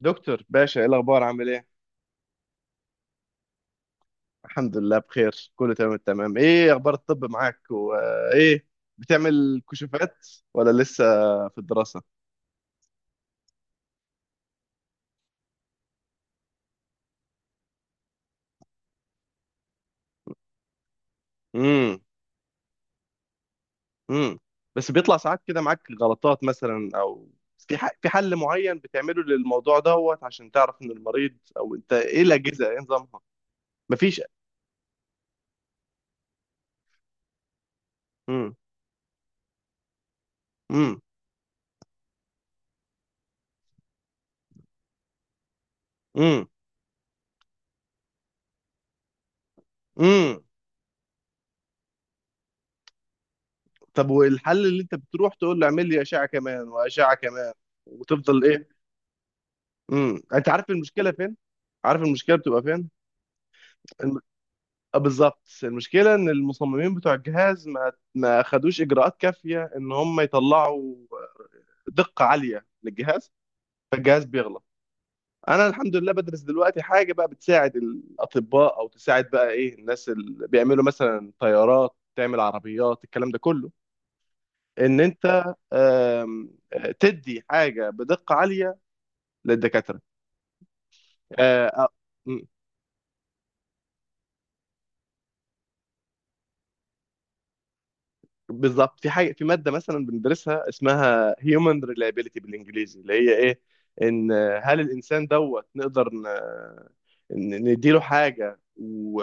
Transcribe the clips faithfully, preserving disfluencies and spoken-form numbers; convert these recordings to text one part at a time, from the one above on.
دكتور باشا، ايه الاخبار؟ عامل ايه؟ الحمد لله بخير، كله تمام التمام. ايه اخبار الطب معاك؟ وايه بتعمل كشوفات ولا لسه في الدراسة؟ امم. امم. بس بيطلع ساعات كده معاك غلطات مثلا، او في ح- في حل معين بتعمله للموضوع دوت عشان تعرف ان المريض او انت ايه الاجهزة ايه نظامها؟ مفيش؟ امم. امم. امم. امم. طب والحل اللي انت بتروح تقول له اعمل لي اشعة كمان واشعة كمان وتفضل ايه؟ امم، انت عارف المشكله فين؟ عارف المشكله بتبقى فين؟ الم... آه، بالظبط. المشكله ان المصممين بتوع الجهاز ما ما خدوش اجراءات كافيه ان هم يطلعوا دقه عاليه للجهاز، فالجهاز بيغلط. انا الحمد لله بدرس دلوقتي حاجه بقى بتساعد الاطباء، او تساعد بقى ايه، الناس اللي بيعملوا مثلا طيارات، تعمل عربيات، الكلام ده كله، ان انت آم، آه، تدي حاجه بدقه عاليه للدكاتره. آه، آه، بالظبط. في حاجه، في ماده مثلا بندرسها اسمها هيومن ريلايبيليتي بالانجليزي، اللي هي ايه، ان هل الانسان دوت نقدر ن... ن- نديله حاجه و...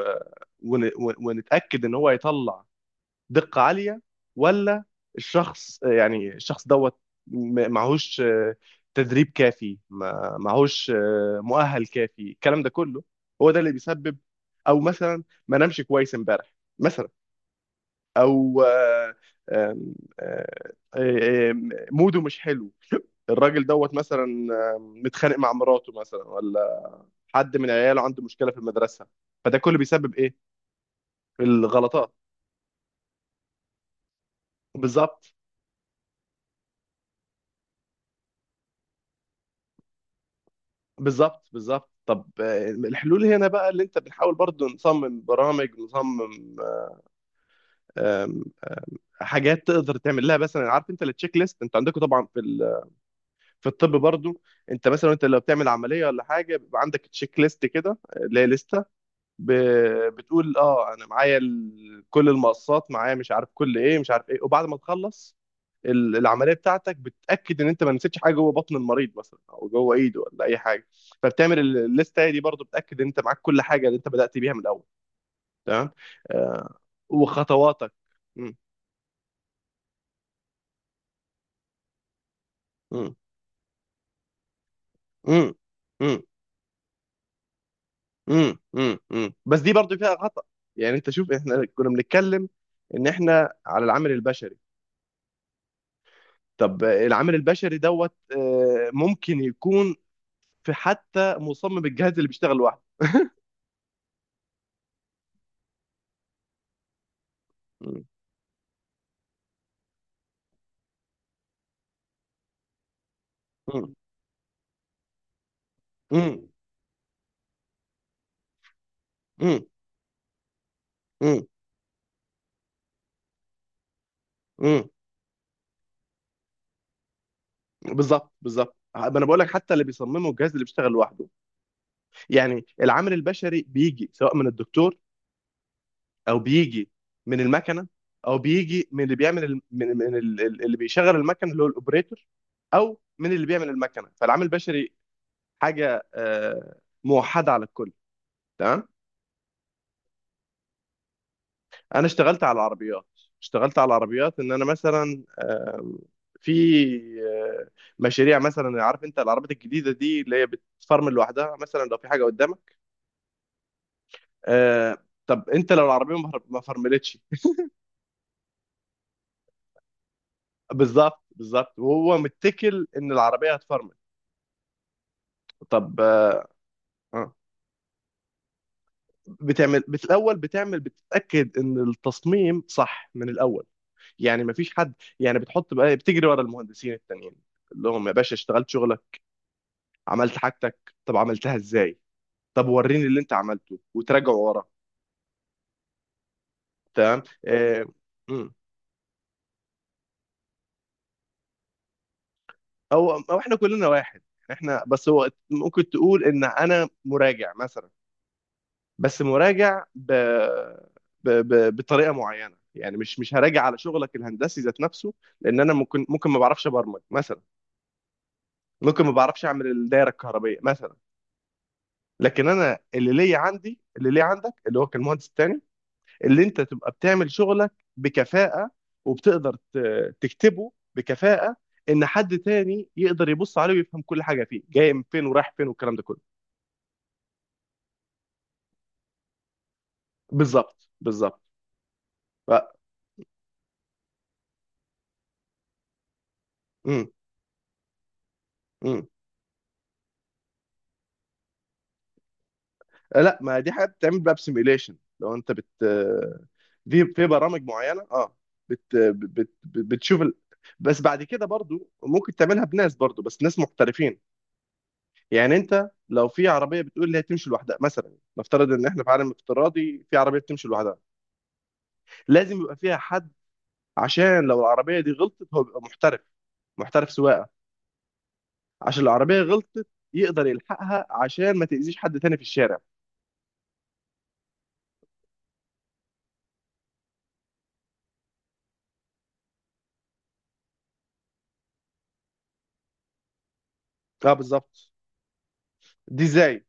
ون... ون- ونتاكد ان هو يطلع دقه عاليه ولا الشخص، يعني الشخص دوت م- معهوش آه، تدريب كافي، ما- معهوش آه، مؤهل كافي، الكلام ده كله، هو ده اللي بيسبب. او مثلا ما نامش كويس امبارح مثلا، او آه، آم، آه، آم، موده مش حلو، الراجل دوت مثلا آم، متخانق مع مراته مثلا، ولا حد من عياله عنده مشكله في المدرسه، فده كله بيسبب ايه؟ الغلطات، بالظبط. بالظبط بالظبط. طب آه، الحلول هنا بقى، اللي انت بنحاول برضو نصمم برامج، نصمم آم، حاجات تقدر تعمل لها. مثلا عارف انت التشيك ليست، انت عندكم طبعا في ال- في الطب برضو، انت مثلا انت لو بتعمل عمليه ولا حاجه بيبقى عندك تشيك ليست كده اللي هي لسته، ب... بتقول اه انا معايا ال... كل المقصات معايا، مش عارف كل ايه، مش عارف ايه. وبعد ما تخلص ال- العمليه بتاعتك، بتاكد ان انت ما نسيتش حاجه جوه بطن المريض مثلا، او جوه ايده، ولا اي حاجه. فبتعمل ال- الليسته دي برضو، بتاكد ان انت معاك كل حاجه اللي انت بدات بيها من الاول، تمام. آه، وخطواتك. م- م- م- م- م- م- م. بس دي برضو فيها خطا. يعني انت شوف، احنا كنا بنتكلم ان احنا على العامل البشري. طب العامل البشري دوت آه، ممكن يكون في حتى مصمم الجهاز اللي بيشتغل لوحده. مم. مم. مم. مم. مم. مم. بالظبط بالظبط، ما انا بقول لك حتى اللي بيصممه الجهاز اللي بيشتغل لوحده. يعني العامل البشري بيجي سواء من الدكتور، او بيجي من المكنه، او بيجي من اللي بيعمل ال- من من ال- ال- اللي بيشغل المكنه اللي هو الاوبريتور، او من اللي بيعمل المكنه. فالعامل البشري حاجه آه، موحده على الكل، تمام. انا اشتغلت على العربيات. اشتغلت على العربيات ان انا مثلا آم، في آه، مشاريع. مثلا عارف انت العربيات الجديده دي اللي هي بتفرمل لوحدها مثلا لو في حاجه قدامك. آه، طب انت لو العربيه ما ما فرملتش؟ بالظبط بالظبط، وهو متكل ان العربيه هتفرمل. طب آه، آه. بتعمل، بت- الاول بتعمل، بتتاكد ان التصميم صح من الاول، يعني ما فيش حد، يعني بتحط بقى، بتجري ورا المهندسين التانيين اللي هم يا باشا اشتغلت شغل، عملت حاجتك، طب عملتها ازاي؟ طب وريني اللي انت عملته، وتراجع ورا، تمام آه. مم. او او احنا كلنا واحد. احنا، بس هو ممكن تقول ان انا مراجع مثلا، بس مراجع ب... ب... ب... بطريقه معينه. يعني مش مش هراجع على شغلك الهندسي ذات نفسه، لان انا ممكن ممكن ما بعرفش ابرمج مثلا، ممكن ما بعرفش اعمل الدايره الكهربائيه مثلا. لكن انا اللي ليا عندي، اللي ليا عندك، اللي هو كان المهندس التاني، اللي انت تبقى بتعمل شغلك بكفاءة، وبتقدر ت- تكتبه بكفاءة، ان حد تاني يقدر يبص عليه ويفهم كل حاجة فيه، جاي من فين ورايح فين والكلام ده كله. بالظبط بالظبط. ف... مم. مم. آه، لا، ما دي حاجة بتعمل بقى بسيميليشن، لو انت بت، في في برامج معينة، اه. بت... بت... بت... بتشوف ال... بس بعد كده برضو ممكن تعملها بناس برضو، بس ناس محترفين. يعني انت لو في عربية بتقول لي هتمشي لوحدها مثلا، نفترض ان احنا في عالم افتراضي، في عربية بتمشي لوحدها، لازم يبقى فيها حد، عشان لو العربية دي غلطت هو بيبقى محترف، محترف سواقة، عشان العربية غلطت يقدر يلحقها عشان ما تأذيش حد تاني في الشارع. اه، بالظبط. دي ازاي؟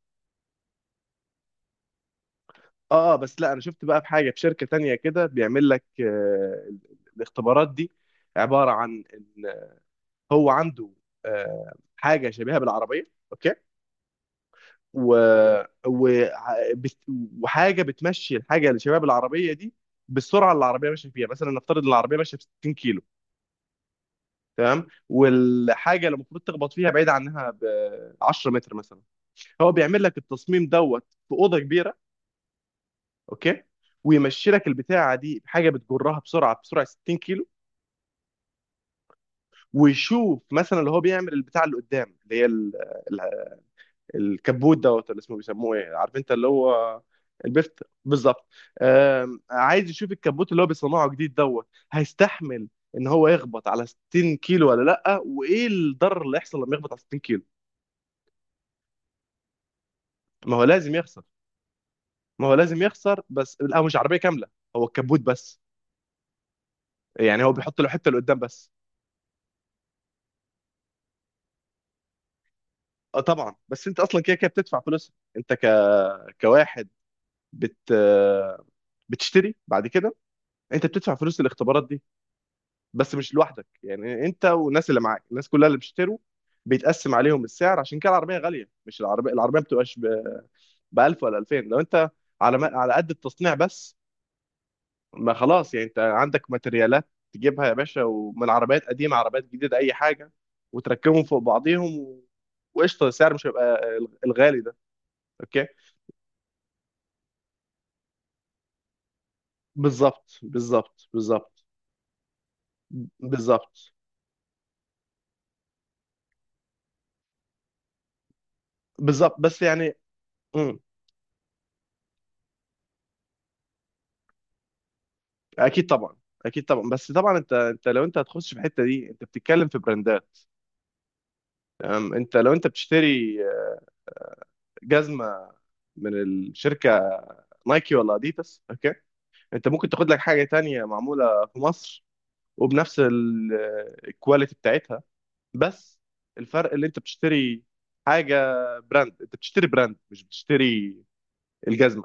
اه، آه، بس لا انا شفت بقى في حاجة في شركة تانية كده، بيعمل لك آه الاختبارات دي عبارة عن ان هو عنده آه حاجة شبيهة بالعربية، اوكي، و... و... بت- وحاجة بتمشي، الحاجة اللي شبيهة بالعربية دي بالسرعة اللي العربية ماشية فيها. مثلا نفترض ان العربية ماشية ب ستين كيلو، تمام، والحاجه اللي المفروض تخبط فيها بعيد عنها ب عشرة متر مثلا. هو بيعمل لك التصميم دوت في اوضه كبيره، اوكي، ويمشي لك البتاعه دي، حاجه بتجرها بسرعه، بسرعه ستين كيلو، ويشوف مثلا اللي هو بيعمل البتاع اللي قدام اللي هي ال- ال- الكبوت دوت، اللي اسمه بيسموه ايه عارف انت، اللي هو البفت، بالظبط. آم، عايز يشوف الكبوت اللي هو بيصنعه جديد دوت، هيستحمل ان هو يخبط على ستين كيلو ولا لا، وايه الضرر اللي يحصل لما يخبط على ستين كيلو. ما هو لازم يحصل، ما هو لازم يخسر. بس لا، هو مش عربيه كامله، هو الكبوت بس، يعني هو بيحط له حته لقدام بس. اه طبعا، بس انت اصلا كده كده بتدفع فلوسها، انت ك... كواحد بت بتشتري بعد كده، انت بتدفع فلوس الاختبارات دي، بس مش لوحدك. يعني انت والناس اللي معاك، الناس كلها اللي بيشتروا، بيتقسم عليهم السعر، عشان كده العربيه غاليه. مش العربيه، العربيه ما بتبقاش ب ألف ولا ألفين، لو انت على ما... على قد التصنيع بس. ما خلاص، يعني انت عندك ماتريالات تجيبها يا باشا، ومن عربيات قديمة، عربيات جديدة، أي حاجة، وتركبهم فوق بعضيهم، و... وقشطة، السعر مش هيبقى الغالي ده، أوكي. بالظبط بالظبط. بالظبط بالظبط. بالظبط، بس يعني، امم، أكيد طبعا. أكيد طبعا، بس طبعا أنت، أنت لو أنت هتخش في الحتة دي أنت بتتكلم في براندات، تمام. أنت لو أنت بتشتري جزمة من الشركة نايكي ولا أديداس، أوكي، أنت ممكن تاخد لك حاجة تانية معمولة في مصر وبنفس ال- الكواليتي بتاعتها، بس الفرق اللي انت بتشتري حاجه براند، انت بتشتري براند، مش بتشتري الجزمه.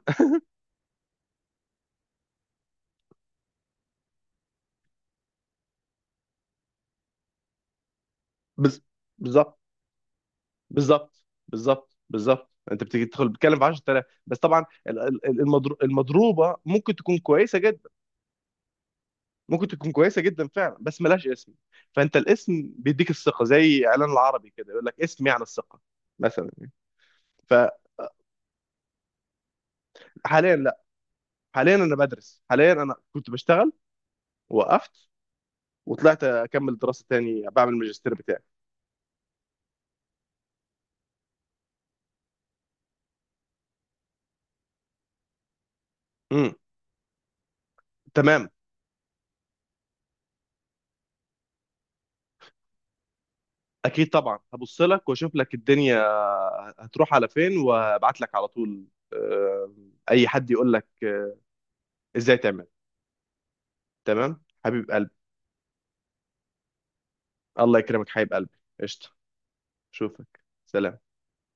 بز... بالظبط. بالظبط بالظبط. بالظبط، انت بتيجي تدخل، بتتكلم في عشرة آلاف. بس طبعا ال- ال- المضر... المضروبه ممكن تكون كويسه جدا، ممكن تكون كويسه جدا فعلا، بس ملهاش اسم. فانت الاسم بيديك الثقه، زي اعلان العربي كده يقول لك اسم يعني الثقه مثلا. فحاليا لا، حاليا انا بدرس. حاليا انا كنت بشتغل، وقفت وطلعت اكمل دراسه تاني، بعمل الماجستير بتاعي. امم، تمام. اكيد طبعا، هبص لك واشوف لك الدنيا هتروح على فين، وابعت لك على طول آه، اي حد يقول لك آه، ازاي تعمل. تمام حبيب قلبي، الله يكرمك حبيب قلبي، قشطه، اشوفك، سلام.